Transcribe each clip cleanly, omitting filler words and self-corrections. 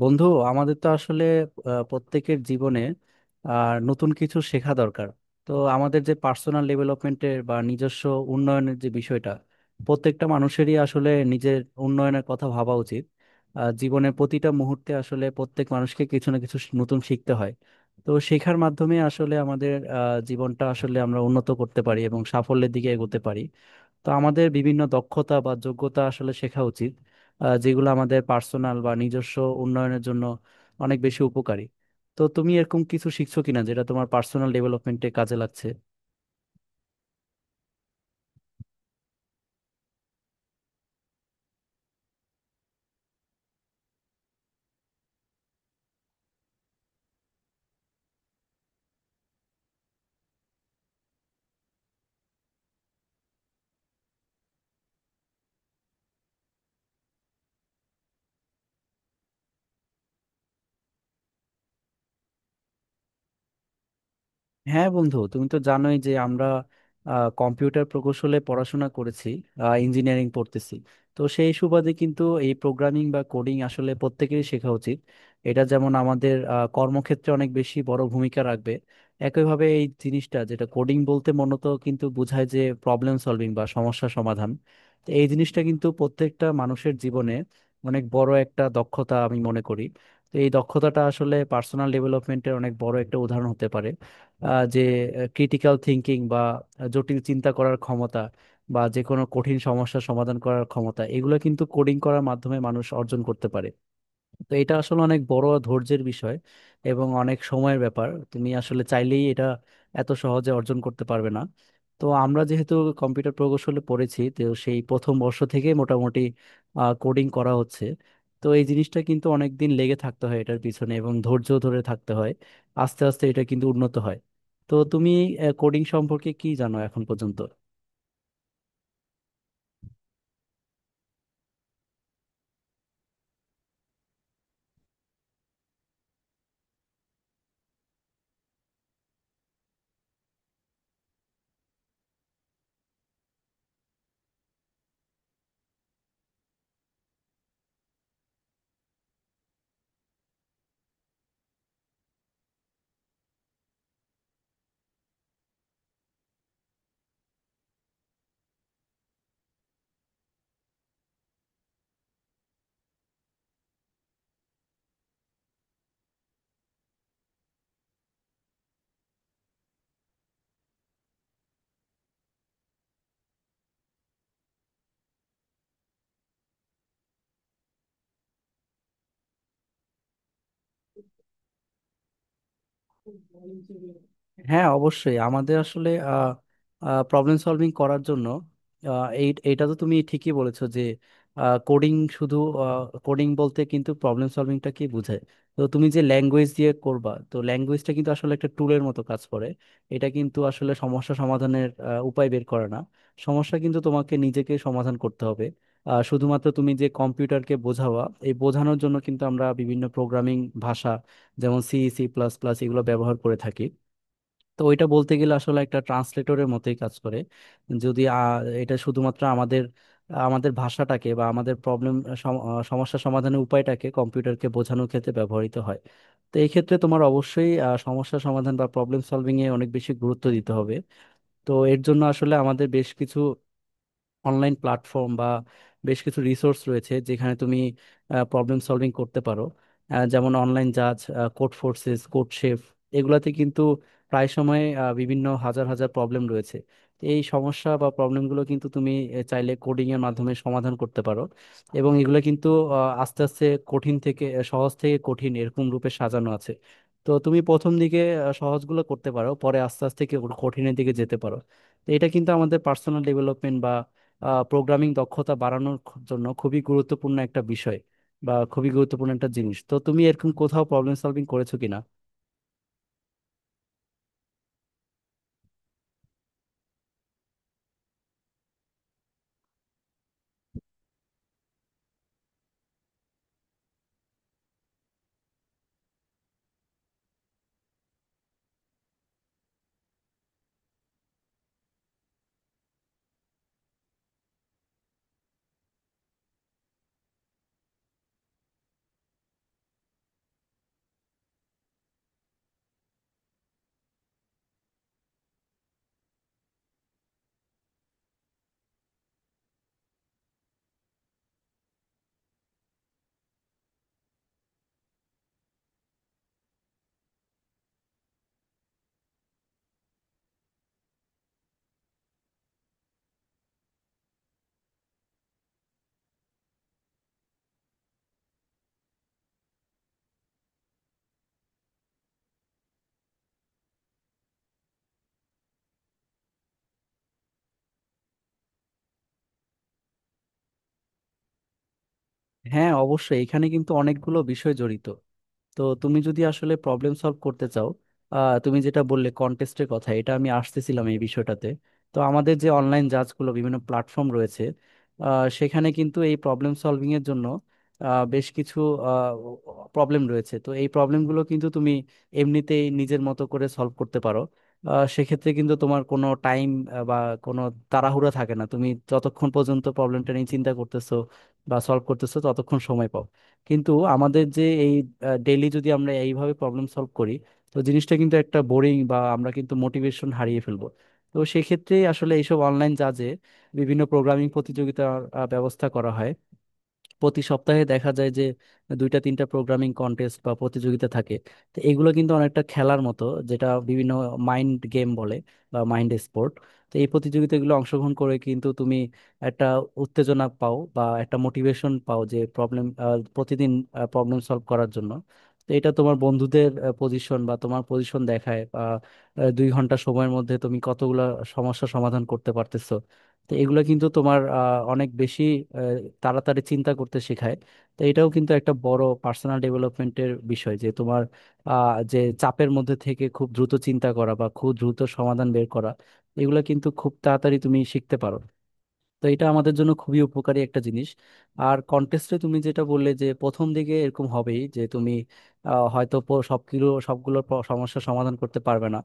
বন্ধু, আমাদের তো আসলে প্রত্যেকের জীবনে নতুন কিছু শেখা দরকার। তো আমাদের যে পার্সোনাল ডেভেলপমেন্টের বা নিজস্ব উন্নয়নের যে বিষয়টা, প্রত্যেকটা মানুষেরই আসলে নিজের উন্নয়নের কথা ভাবা উচিত। জীবনের প্রতিটা মুহূর্তে আসলে প্রত্যেক মানুষকে কিছু না কিছু নতুন শিখতে হয়। তো শেখার মাধ্যমে আসলে আমাদের জীবনটা আসলে আমরা উন্নত করতে পারি এবং সাফল্যের দিকে এগোতে পারি। তো আমাদের বিভিন্ন দক্ষতা বা যোগ্যতা আসলে শেখা উচিত, যেগুলো আমাদের পার্সোনাল বা নিজস্ব উন্নয়নের জন্য অনেক বেশি উপকারী। তো তুমি এরকম কিছু শিখছো কিনা যেটা তোমার পার্সোনাল ডেভেলপমেন্টে কাজে লাগছে? হ্যাঁ বন্ধু, তুমি তো জানোই যে আমরা কম্পিউটার প্রকৌশলে পড়াশোনা করেছি, ইঞ্জিনিয়ারিং পড়তেছি। তো সেই সুবাদে কিন্তু এই প্রোগ্রামিং বা কোডিং আসলে প্রত্যেকেরই শেখা উচিত। এটা যেমন আমাদের কর্মক্ষেত্রে অনেক বেশি বড় ভূমিকা রাখবে, একইভাবে এই জিনিসটা যেটা কোডিং বলতে মূলত কিন্তু বোঝায় যে প্রবলেম সলভিং বা সমস্যা সমাধান। তো এই জিনিসটা কিন্তু প্রত্যেকটা মানুষের জীবনে অনেক বড় একটা দক্ষতা আমি মনে করি। তো এই দক্ষতাটা আসলে পার্সোনাল ডেভেলপমেন্টের অনেক বড় একটা উদাহরণ হতে পারে। যে ক্রিটিক্যাল থিঙ্কিং বা জটিল চিন্তা করার ক্ষমতা, বা যে কোনো কঠিন সমস্যার সমাধান করার ক্ষমতা, এগুলো কিন্তু কোডিং করার মাধ্যমে মানুষ অর্জন করতে পারে। তো এটা আসলে অনেক বড় ধৈর্যের বিষয় এবং অনেক সময়ের ব্যাপার, তুমি আসলে চাইলেই এটা এত সহজে অর্জন করতে পারবে না। তো আমরা যেহেতু কম্পিউটার প্রকৌশলে পড়েছি, তো সেই প্রথম বর্ষ থেকে মোটামুটি কোডিং করা হচ্ছে। তো এই জিনিসটা কিন্তু অনেক দিন লেগে থাকতে হয় এটার পিছনে, এবং ধৈর্য ধরে থাকতে হয়। আস্তে আস্তে এটা কিন্তু উন্নত হয়। তো তুমি কোডিং সম্পর্কে কি জানো এখন পর্যন্ত? হ্যাঁ অবশ্যই, আমাদের আসলে প্রবলেম সলভিং করার জন্য এই এটা তো তুমি ঠিকই বলেছো যে কোডিং শুধু, কোডিং বলতে কিন্তু প্রবলেম সলভিংটা কি বোঝায়। তো তুমি যে ল্যাঙ্গুয়েজ দিয়ে করবা, তো ল্যাঙ্গুয়েজটা কিন্তু আসলে একটা টুলের মতো কাজ করে। এটা কিন্তু আসলে সমস্যা সমাধানের উপায় বের করে না। সমস্যা কিন্তু তোমাকে নিজেকে সমাধান করতে হবে। শুধুমাত্র তুমি যে কম্পিউটারকে বোঝাওয়া, এই বোঝানোর জন্য কিন্তু আমরা বিভিন্ন প্রোগ্রামিং ভাষা, যেমন সি, সি প্লাস প্লাস, এগুলো ব্যবহার করে থাকি। তো ওইটা বলতে গেলে আসলে একটা ট্রান্সলেটরের মতোই কাজ করে যদি এটা শুধুমাত্র আমাদের আমাদের ভাষাটাকে বা আমাদের প্রবলেম, সমস্যা সমাধানের উপায়টাকে কম্পিউটারকে বোঝানোর ক্ষেত্রে ব্যবহৃত হয়। তো এই ক্ষেত্রে তোমার অবশ্যই সমস্যা সমাধান বা প্রবলেম সলভিং এ অনেক বেশি গুরুত্ব দিতে হবে। তো এর জন্য আসলে আমাদের বেশ কিছু অনলাইন প্ল্যাটফর্ম বা বেশ কিছু রিসোর্স রয়েছে যেখানে তুমি প্রবলেম সলভিং করতে পারো। যেমন অনলাইন জাজ, কোড ফোর্সেস, কোড শেফ, এগুলাতে কিন্তু প্রায় সময় বিভিন্ন হাজার হাজার প্রবলেম রয়েছে। তো এই সমস্যা বা প্রবলেমগুলো কিন্তু তুমি চাইলে কোডিং এর মাধ্যমে সমাধান করতে পারো। এবং এগুলো কিন্তু আহ, আস্তে আস্তে কঠিন থেকে সহজ থেকে কঠিন এরকম রূপে সাজানো আছে। তো তুমি প্রথম দিকে সহজগুলো করতে পারো, পরে আস্তে আস্তে কঠিনের দিকে যেতে পারো। তো এটা কিন্তু আমাদের পার্সোনাল ডেভেলপমেন্ট, প্রোগ্রামিং দক্ষতা বাড়ানোর জন্য খুবই গুরুত্বপূর্ণ একটা বিষয় বা খুবই গুরুত্বপূর্ণ একটা জিনিস। তো তুমি এরকম কোথাও প্রবলেম সলভিং করেছো কিনা? হ্যাঁ অবশ্যই, এখানে কিন্তু অনেকগুলো বিষয় জড়িত। তো তুমি যদি আসলে প্রবলেম সলভ করতে চাও, তুমি যেটা বললে কন্টেস্টের কথা, এটা আমি আসতেছিলাম এই বিষয়টাতে। তো আমাদের যে অনলাইন জাজগুলো, বিভিন্ন প্ল্যাটফর্ম রয়েছে, সেখানে কিন্তু এই প্রবলেম সলভিং এর জন্য বেশ কিছু প্রবলেম রয়েছে। তো এই প্রবলেমগুলো কিন্তু তুমি এমনিতেই নিজের মতো করে সলভ করতে পারো। সেক্ষেত্রে কিন্তু তোমার কোনো টাইম বা কোনো তাড়াহুড়া থাকে না, তুমি যতক্ষণ পর্যন্ত প্রবলেমটা নিয়ে চিন্তা করতেছো বা সলভ করতেছো ততক্ষণ সময় পাও। কিন্তু আমাদের যে এই ডেইলি যদি আমরা এইভাবে প্রবলেম সলভ করি, তো জিনিসটা কিন্তু একটা বোরিং বা আমরা কিন্তু মোটিভেশন হারিয়ে ফেলবো। তো সেক্ষেত্রে আসলে এইসব অনলাইন জাজে বিভিন্ন প্রোগ্রামিং প্রতিযোগিতার ব্যবস্থা করা হয়। প্রতি সপ্তাহে দেখা যায় যে দুইটা তিনটা প্রোগ্রামিং কন্টেস্ট বা প্রতিযোগিতা থাকে। তো এগুলো কিন্তু অনেকটা খেলার মতো, যেটা বিভিন্ন মাইন্ড গেম বলে বা মাইন্ড স্পোর্ট। তো এই প্রতিযোগিতাগুলো অংশগ্রহণ করে কিন্তু তুমি একটা উত্তেজনা পাও বা একটা মোটিভেশন পাও যে প্রবলেম, প্রতিদিন প্রবলেম সলভ করার জন্য। তো এটা তোমার বন্ধুদের পজিশন বা তোমার পজিশন দেখায় বা দুই ঘন্টা সময়ের মধ্যে তুমি কতগুলা সমস্যা সমাধান করতে পারতেছো। তো এগুলো কিন্তু তোমার অনেক বেশি আহ, তাড়াতাড়ি চিন্তা করতে শেখায়। তো এটাও কিন্তু একটা বড় পার্সোনাল ডেভেলপমেন্টের বিষয়, যে তোমার যে চাপের মধ্যে থেকে খুব দ্রুত চিন্তা করা বা খুব দ্রুত সমাধান বের করা, এগুলো কিন্তু খুব তাড়াতাড়ি তুমি শিখতে পারো। তো এটা আমাদের জন্য খুবই উপকারী একটা জিনিস। আর কন্টেস্টে তুমি যেটা বললে যে প্রথম দিকে এরকম হবেই যে তুমি হয়তো প- সবগুলো সবগুলো সমস্যা সমাধান করতে পারবে না।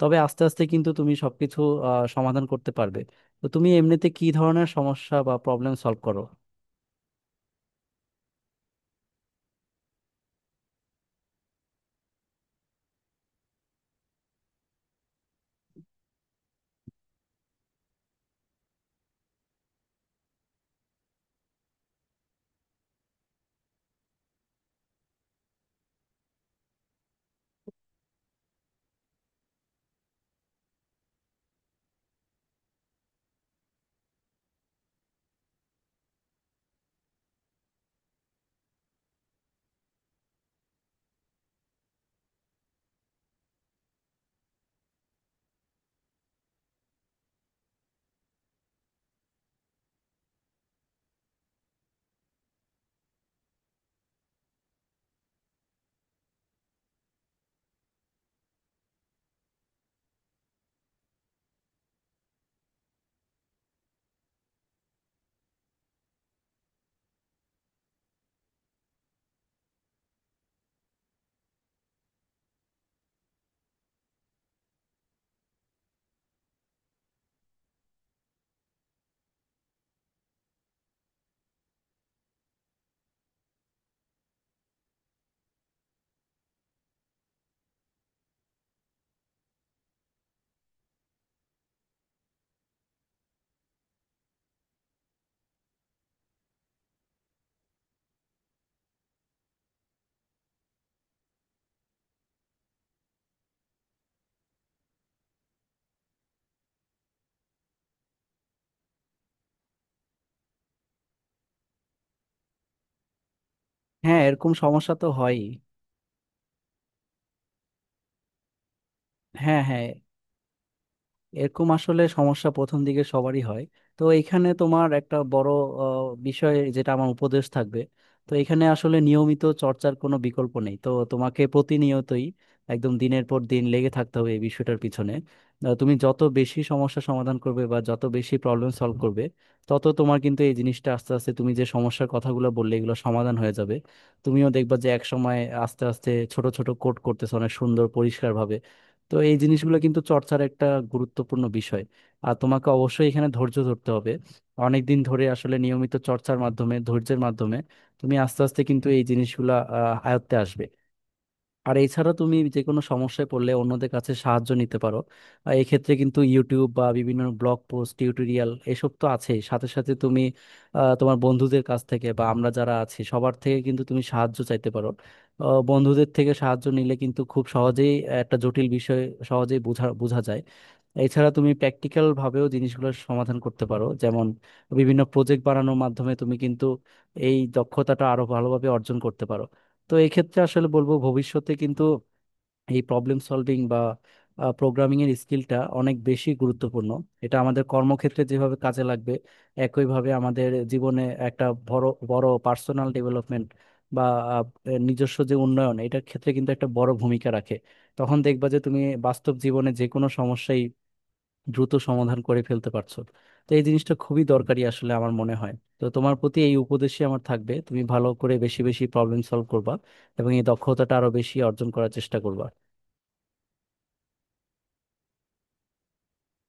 তবে আস্তে আস্তে কিন্তু তুমি সবকিছু সমাধান করতে পারবে। তো তুমি এমনিতে কি ধরনের সমস্যা বা প্রবলেম সলভ করো? হ্যাঁ, এরকম সমস্যা তো হয়ই। হ্যাঁ, হ্যাঁ। এরকম আসলে সমস্যা প্রথম দিকে সবারই হয়। তো এখানে তোমার একটা বড় বিষয় যেটা আমার উপদেশ থাকবে। তো এখানে আসলে নিয়মিত চর্চার কোনো বিকল্প নেই, তো তোমাকে প্রতিনিয়তই একদম দিনের পর দিন লেগে থাকতে হবে এই বিষয়টার পিছনে। তুমি যত বেশি সমস্যা সমাধান করবে বা যত বেশি প্রবলেম সলভ করবে, তত তোমার কিন্তু এই জিনিসটা আস্তে আস্তে, তুমি যে সমস্যার কথাগুলো বললে, এগুলো সমাধান হয়ে যাবে। তুমিও দেখবা যে এক সময় আস্তে আস্তে ছোট ছোট কোড করতেছো অনেক সুন্দর পরিষ্কারভাবে। তো এই জিনিসগুলো কিন্তু চর্চার একটা গুরুত্বপূর্ণ বিষয়। আর তোমাকে অবশ্যই এখানে ধৈর্য ধরতে হবে। অনেক দিন ধরে আসলে নিয়মিত চর্চার মাধ্যমে, ধৈর্যের মাধ্যমে তুমি আস্তে আস্তে কিন্তু এই জিনিসগুলা আয়ত্তে আসবে। আর এছাড়া তুমি যে কোনো সমস্যায় পড়লে অন্যদের কাছে সাহায্য নিতে পারো। আর এক্ষেত্রে কিন্তু ইউটিউব বা বিভিন্ন ব্লগ পোস্ট, টিউটোরিয়াল এসব তো আছেই, সাথে সাথে তুমি তোমার বন্ধুদের কাছ থেকে বা আমরা যারা আছি সবার থেকে কিন্তু তুমি সাহায্য চাইতে পারো। বন্ধুদের থেকে সাহায্য নিলে কিন্তু খুব সহজেই একটা জটিল বিষয় সহজেই বোঝা বোঝা যায়। এছাড়া তুমি প্র্যাকটিক্যাল ভাবেও জিনিসগুলোর সমাধান করতে পারো, যেমন বিভিন্ন প্রজেক্ট বানানোর মাধ্যমে তুমি কিন্তু এই দক্ষতাটা আরো ভালোভাবে অর্জন করতে পারো। তো এক্ষেত্রে আসলে বলবো, ভবিষ্যতে কিন্তু এই প্রবলেম সলভিং বা প্রোগ্রামিং এর স্কিলটা অনেক বেশি গুরুত্বপূর্ণ। এটা আমাদের কর্মক্ষেত্রে যেভাবে কাজে লাগবে, একইভাবে আমাদের জীবনে একটা বড় বড় পার্সোনাল ডেভেলপমেন্ট বা আহ, নিজস্ব যে উন্নয়ন, এটার ক্ষেত্রে কিন্তু একটা বড় ভূমিকা রাখে। তখন দেখবা যে তুমি বাস্তব জীবনে যে কোনো সমস্যায় দ্রুত সমাধান করে ফেলতে পারছো। তো এই জিনিসটা খুবই দরকারি আসলে আমার মনে হয়। তো তোমার প্রতি এই উপদেশই আমার থাকবে, তুমি ভালো করে বেশি বেশি প্রবলেম সলভ করবা এবং এই দক্ষতাটা আরো বেশি অর্জন করার চেষ্টা করবা।